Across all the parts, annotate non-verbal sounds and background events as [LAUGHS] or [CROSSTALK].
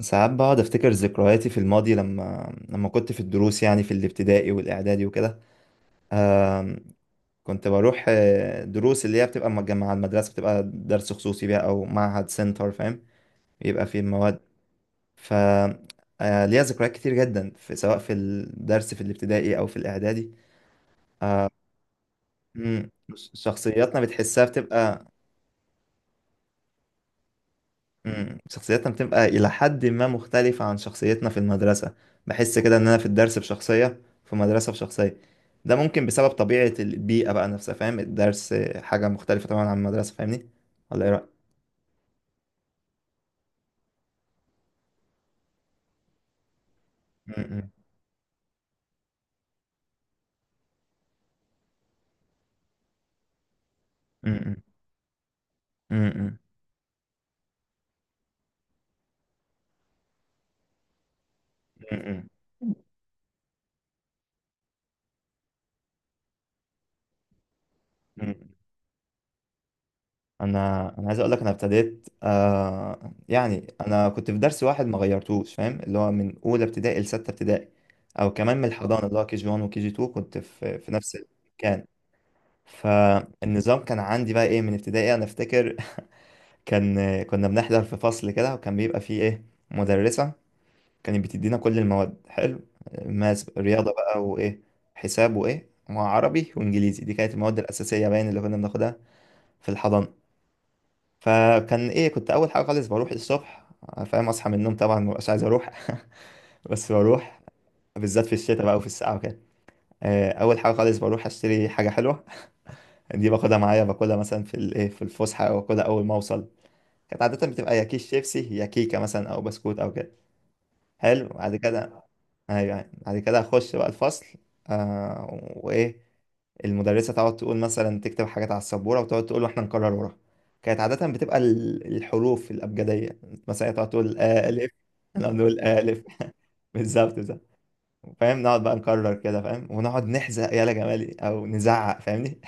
ساعات بقعد افتكر ذكرياتي في الماضي لما كنت في الدروس، يعني في الابتدائي والاعدادي وكده. آم، كنت بروح دروس اللي هي بتبقى مجمعة مع المدرسة، بتبقى درس خصوصي بقى او معهد سنتر، فاهم. بيبقى فيه المواد. ف آه، ليا ذكريات كتير جدا سواء في الدرس في الابتدائي او في الاعدادي. مم، شخصياتنا بتحسها بتبقى. مم. شخصيتنا بتبقى إلى حد ما مختلفة عن شخصيتنا في المدرسة. بحس كده إن أنا في الدرس بشخصية، في مدرسة بشخصية. ده ممكن بسبب طبيعة البيئة بقى نفسها، فاهم. الدرس حاجة مختلفة طبعا عن المدرسة، فاهمني. ولا إيه رأيك؟ مم. مم. مم. مم. مم. أنا عايز أقول لك، أنا ابتديت يعني أنا كنت في درس واحد ما غيرتوش، فاهم، اللي هو من أولى ابتدائي لستة ابتدائي. أو كمان من الحضانة اللي هو KG1 وKG2، كنت في نفس المكان. فالنظام كان عندي بقى ايه من ابتدائي انا افتكر. [LAUGHS] كنا بنحضر في فصل كده، وكان بيبقى فيه ايه، مدرسة كانت بتدينا كل المواد. حلو. ماس، رياضة بقى، وايه، حساب، وايه، وعربي وانجليزي. دي كانت المواد الأساسية باين اللي كنا بناخدها في الحضانة. فكان ايه، كنت اول حاجة خالص بروح الصبح، فاهم، اصحى من النوم، طبعا مبقاش عايز اروح. [LAUGHS] بس بروح، بالذات في الشتاء بقى وفي الساعة وكده. اول حاجة خالص بروح اشتري حاجة حلوة. [LAUGHS] دي باخدها معايا، باكلها مثلا في الايه، في الفسحة، او باكلها اول ما اوصل. كانت عادة بتبقى يا كيس شيبسي، يا كيكة مثلا، أو بسكوت أو كده. حلو بعد كده. أيوة يعني. بعد كده أخش بقى الفصل. وإيه، المدرسة تقعد تقول، مثلا تكتب حاجات على السبورة وتقعد تقول وإحنا نكرر وراها. كانت عادة بتبقى الحروف الأبجدية. مثلا هي تقعد تقول ألف، أنا نقول ألف، [LAUGHS] بالظبط بالظبط. فاهم، نقعد بقى نكرر كده، فاهم، ونقعد نحزق يالا جمالي أو نزعق، فاهمني.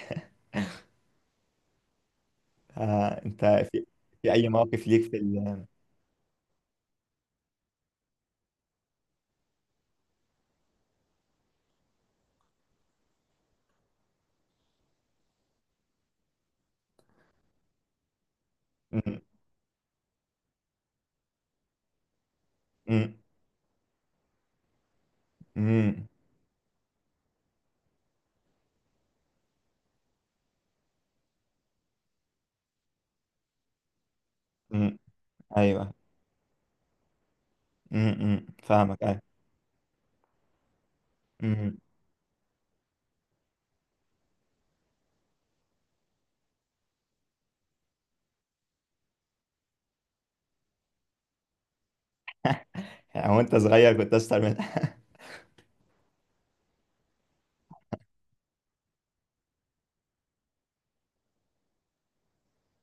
[LAUGHS] آه أنت، في أي مواقف ليك في م- م- م- م- ايوه. فاهمك ايوه. امم امم. يعني هو انت صغير كنت اشطر منها.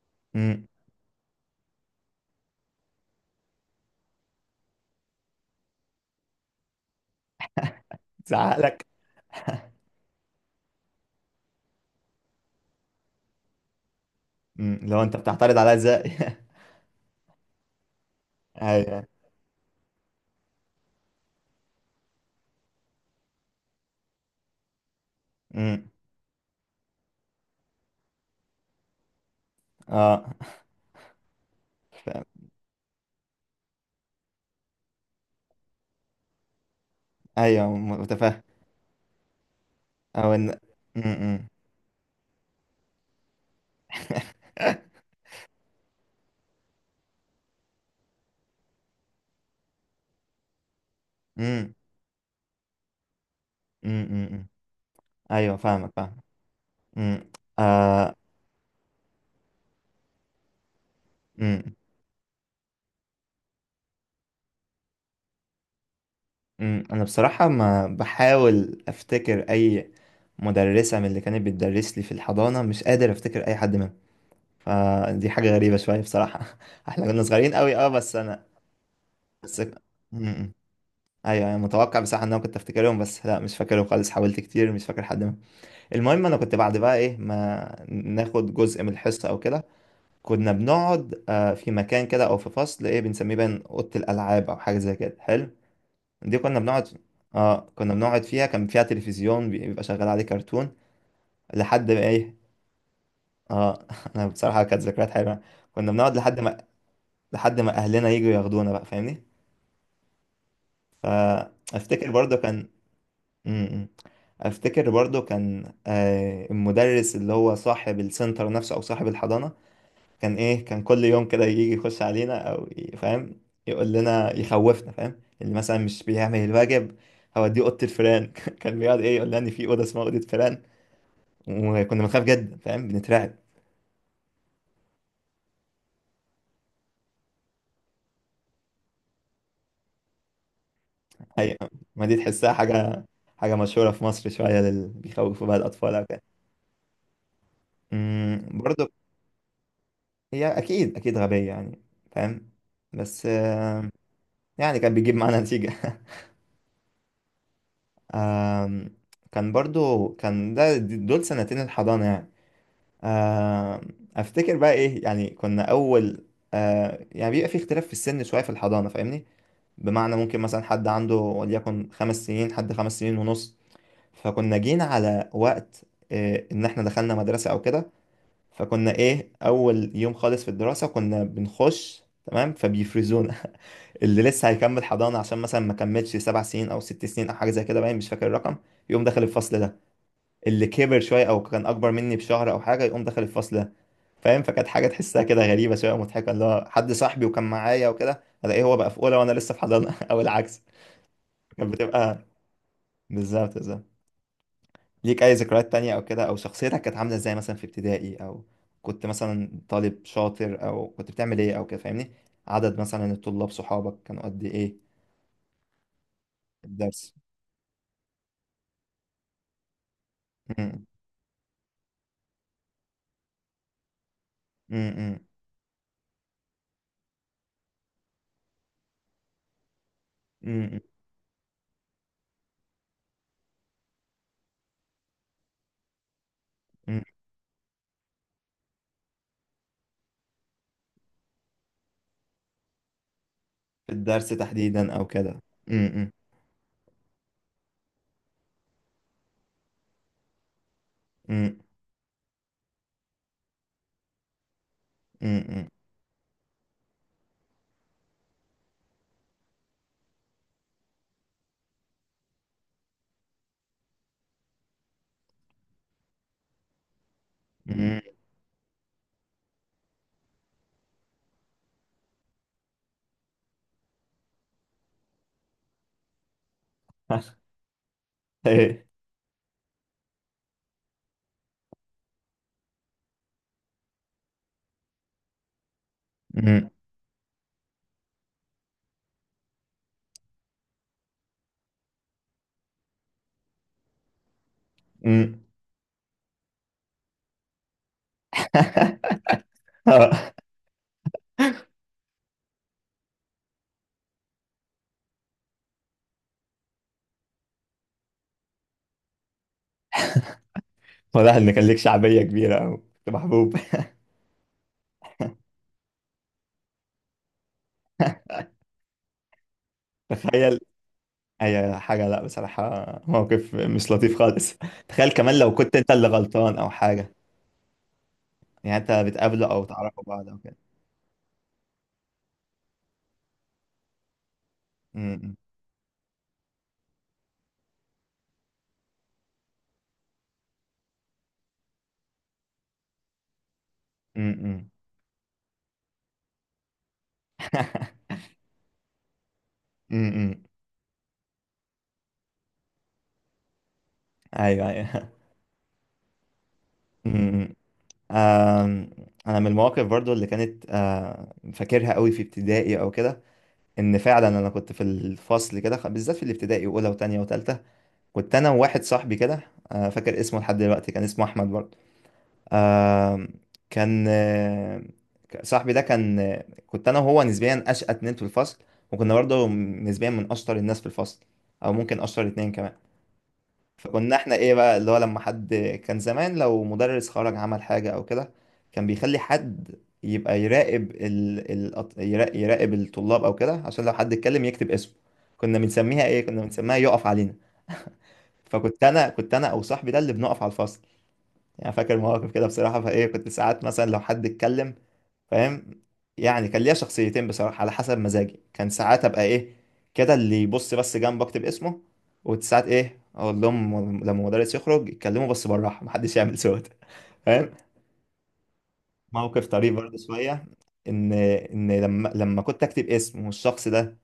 [LAUGHS] امم. تزعق لك. امم. لو انت بتعترض عليا ازاي. [LAUGHS] ايوه. امم. اه فاهم. ايوه متفاهم. او ان. امم. امم. [LAUGHS] امم امم، امم، امم. ايوه فاهمك فاهم. امم. آه. امم. امم، انا بصراحه ما بحاول افتكر اي مدرسه من اللي كانت بتدرس لي في الحضانه، مش قادر افتكر اي حد منهم. فدي حاجة غريبة شوية بصراحة. [LAUGHS] احنا كنا صغيرين قوي، اه بس انا بس. امم. ايوه انا متوقع بصراحة ان انا كنت افتكرهم، بس لا مش فاكرهم خالص، حاولت كتير مش فاكر حد منهم. المهم انا كنت بعد بقى ايه ما ناخد جزء من الحصة او كده، كنا بنقعد في مكان كده او في فصل ايه بنسميه بقى اوضة الالعاب او حاجة زي كده. حلو. دي كنا بنقعد، اه كنا بنقعد فيها، كان فيها تلفزيون بيبقى شغال عليه كرتون، لحد ما ايه. اه [LAUGHS] انا بصراحة كانت ذكريات حلوة. كنا بنقعد لحد ما اهلنا يجوا ياخدونا بقى، فاهمني. فافتكر برضو كان م-. م. افتكر برضو كان المدرس اللي هو صاحب السنتر نفسه او صاحب الحضانة، كان ايه كان كل يوم كده يجي يخش علينا او فاهم، يقول لنا يخوفنا، فاهم، اللي مثلا مش بيعمل الواجب هوديه اوضه الفيران. [LAUGHS] كان بيقعد ايه يقول لنا ان في اوضه اسمها اوضه فيران، وكنا بنخاف جدا، فاهم، بنترعب. حقيقة ما دي تحسها حاجه، حاجه مشهوره في مصر شويه اللي بيخوفوا بقى الاطفال او كده. برضه هي اكيد اكيد غبية يعني، فاهم. بس يعني كان بيجيب معانا نتيجة. [LAUGHS] آم، كان برضو كان ده دول سنتين الحضانة يعني. آم، افتكر بقى ايه، يعني كنا اول يعني بيبقى في اختلاف في السن شوية في الحضانة، فاهمني. بمعنى ممكن مثلا حد عنده وليكن 5 سنين، حد 5 سنين ونص. فكنا جينا على وقت ان احنا دخلنا مدرسة او كده. فكنا ايه اول يوم خالص في الدراسة كنا بنخش تمام فبيفرزونا. [LAUGHS] اللي لسه هيكمل حضانة عشان مثلا ما كملش 7 سنين أو 6 سنين أو حاجة زي كده باين، مش فاكر الرقم، يقوم داخل الفصل ده. اللي كبر شوية أو كان أكبر مني بشهر أو حاجة يقوم داخل الفصل ده، فاهم. فكانت حاجة تحسها كده غريبة شوية ومضحكة، اللي هو حد صاحبي وكان معايا وكده ألاقيه هو بقى في أولى وأنا لسه في حضانة، [LAUGHS] أو العكس. كانت بتبقى بالظبط بالظبط. ليك أي ذكريات تانية أو كده، أو شخصيتك كانت عاملة إزاي مثلا في ابتدائي، أو كنت مثلا طالب شاطر أو كنت بتعمل إيه أو كده، فاهمني. عدد مثلا الطلاب صحابك كانوا قد إيه في الدرس. م- م- م- م- في الدرس تحديدا او كده. م- م- م- م- م- م. [LAUGHS] ايه. م-. م. [LAUGHS] واضح ان كان ليك شعبيه كبيره او كنت محبوب. [LAUGHS] تخيل اي حاجه، لا بصراحه موقف مش لطيف خالص. [LAUGHS] تخيل كمان لو كنت انت اللي غلطان او حاجه. يعني انت بتقابله او تعرفوا بعض او كده. م-. م-. م-. م. [LAUGHS] م-. م. ايوه ايوه. [LAUGHS] م-. آم، انا من المواقف برضو اللي كانت فاكرها قوي في ابتدائي او كده، ان فعلا انا كنت في الفصل كده بالذات في الابتدائي اولى وتانية وتالتة، كنت انا وواحد صاحبي كده. فاكر اسمه لحد دلوقتي، كان اسمه احمد برضو. آم، كان صاحبي ده كان، كنت انا وهو نسبيا اشقى اتنين في الفصل، وكنا برضو نسبيا من اشطر الناس في الفصل، او ممكن اشطر اتنين كمان. فكنا احنا ايه بقى اللي هو لما حد، كان زمان لو مدرس خرج عمل حاجة او كده، كان بيخلي حد يبقى يراقب يراقب الطلاب او كده، عشان لو حد اتكلم يكتب اسمه. كنا بنسميها ايه، كنا بنسميها يقف علينا. فكنت انا او صاحبي ده اللي بنقف على الفصل. يعني فاكر مواقف كده بصراحة، فايه كنت ساعات مثلا لو حد اتكلم، فاهم. يعني كان ليا شخصيتين بصراحة على حسب مزاجي، كان ساعات ابقى ايه كده اللي يبص بس جنب اكتب اسمه، وساعات ايه اقول لهم لما المدرس يخرج يتكلموا بس بالراحة، [LAUGHS] محدش يعمل صوت، فاهم. موقف طريف برضه شوية، ان لما كنت اكتب اسم والشخص ده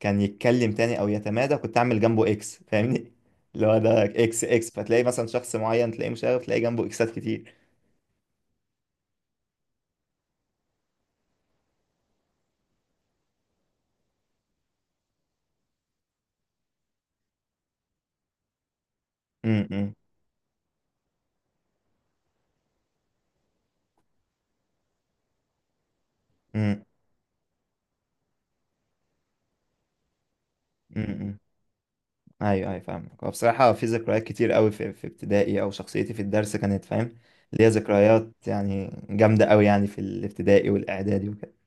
كان يتكلم تاني او يتمادى، كنت اعمل جنبه اكس، فاهمني. اللي هو ده اكس اكس، فتلاقي مثلا شخص معين تلاقيه مشاغب تلاقي جنبه اكسات كتير. م-. م. امم امم. ايوه ايوه فاهمك. هو بصراحه في ذكريات كتير قوي في ابتدائي، او شخصيتي في الدرس كانت، فاهم، ليها ذكريات يعني جامده قوي يعني في الابتدائي والاعدادي وكده.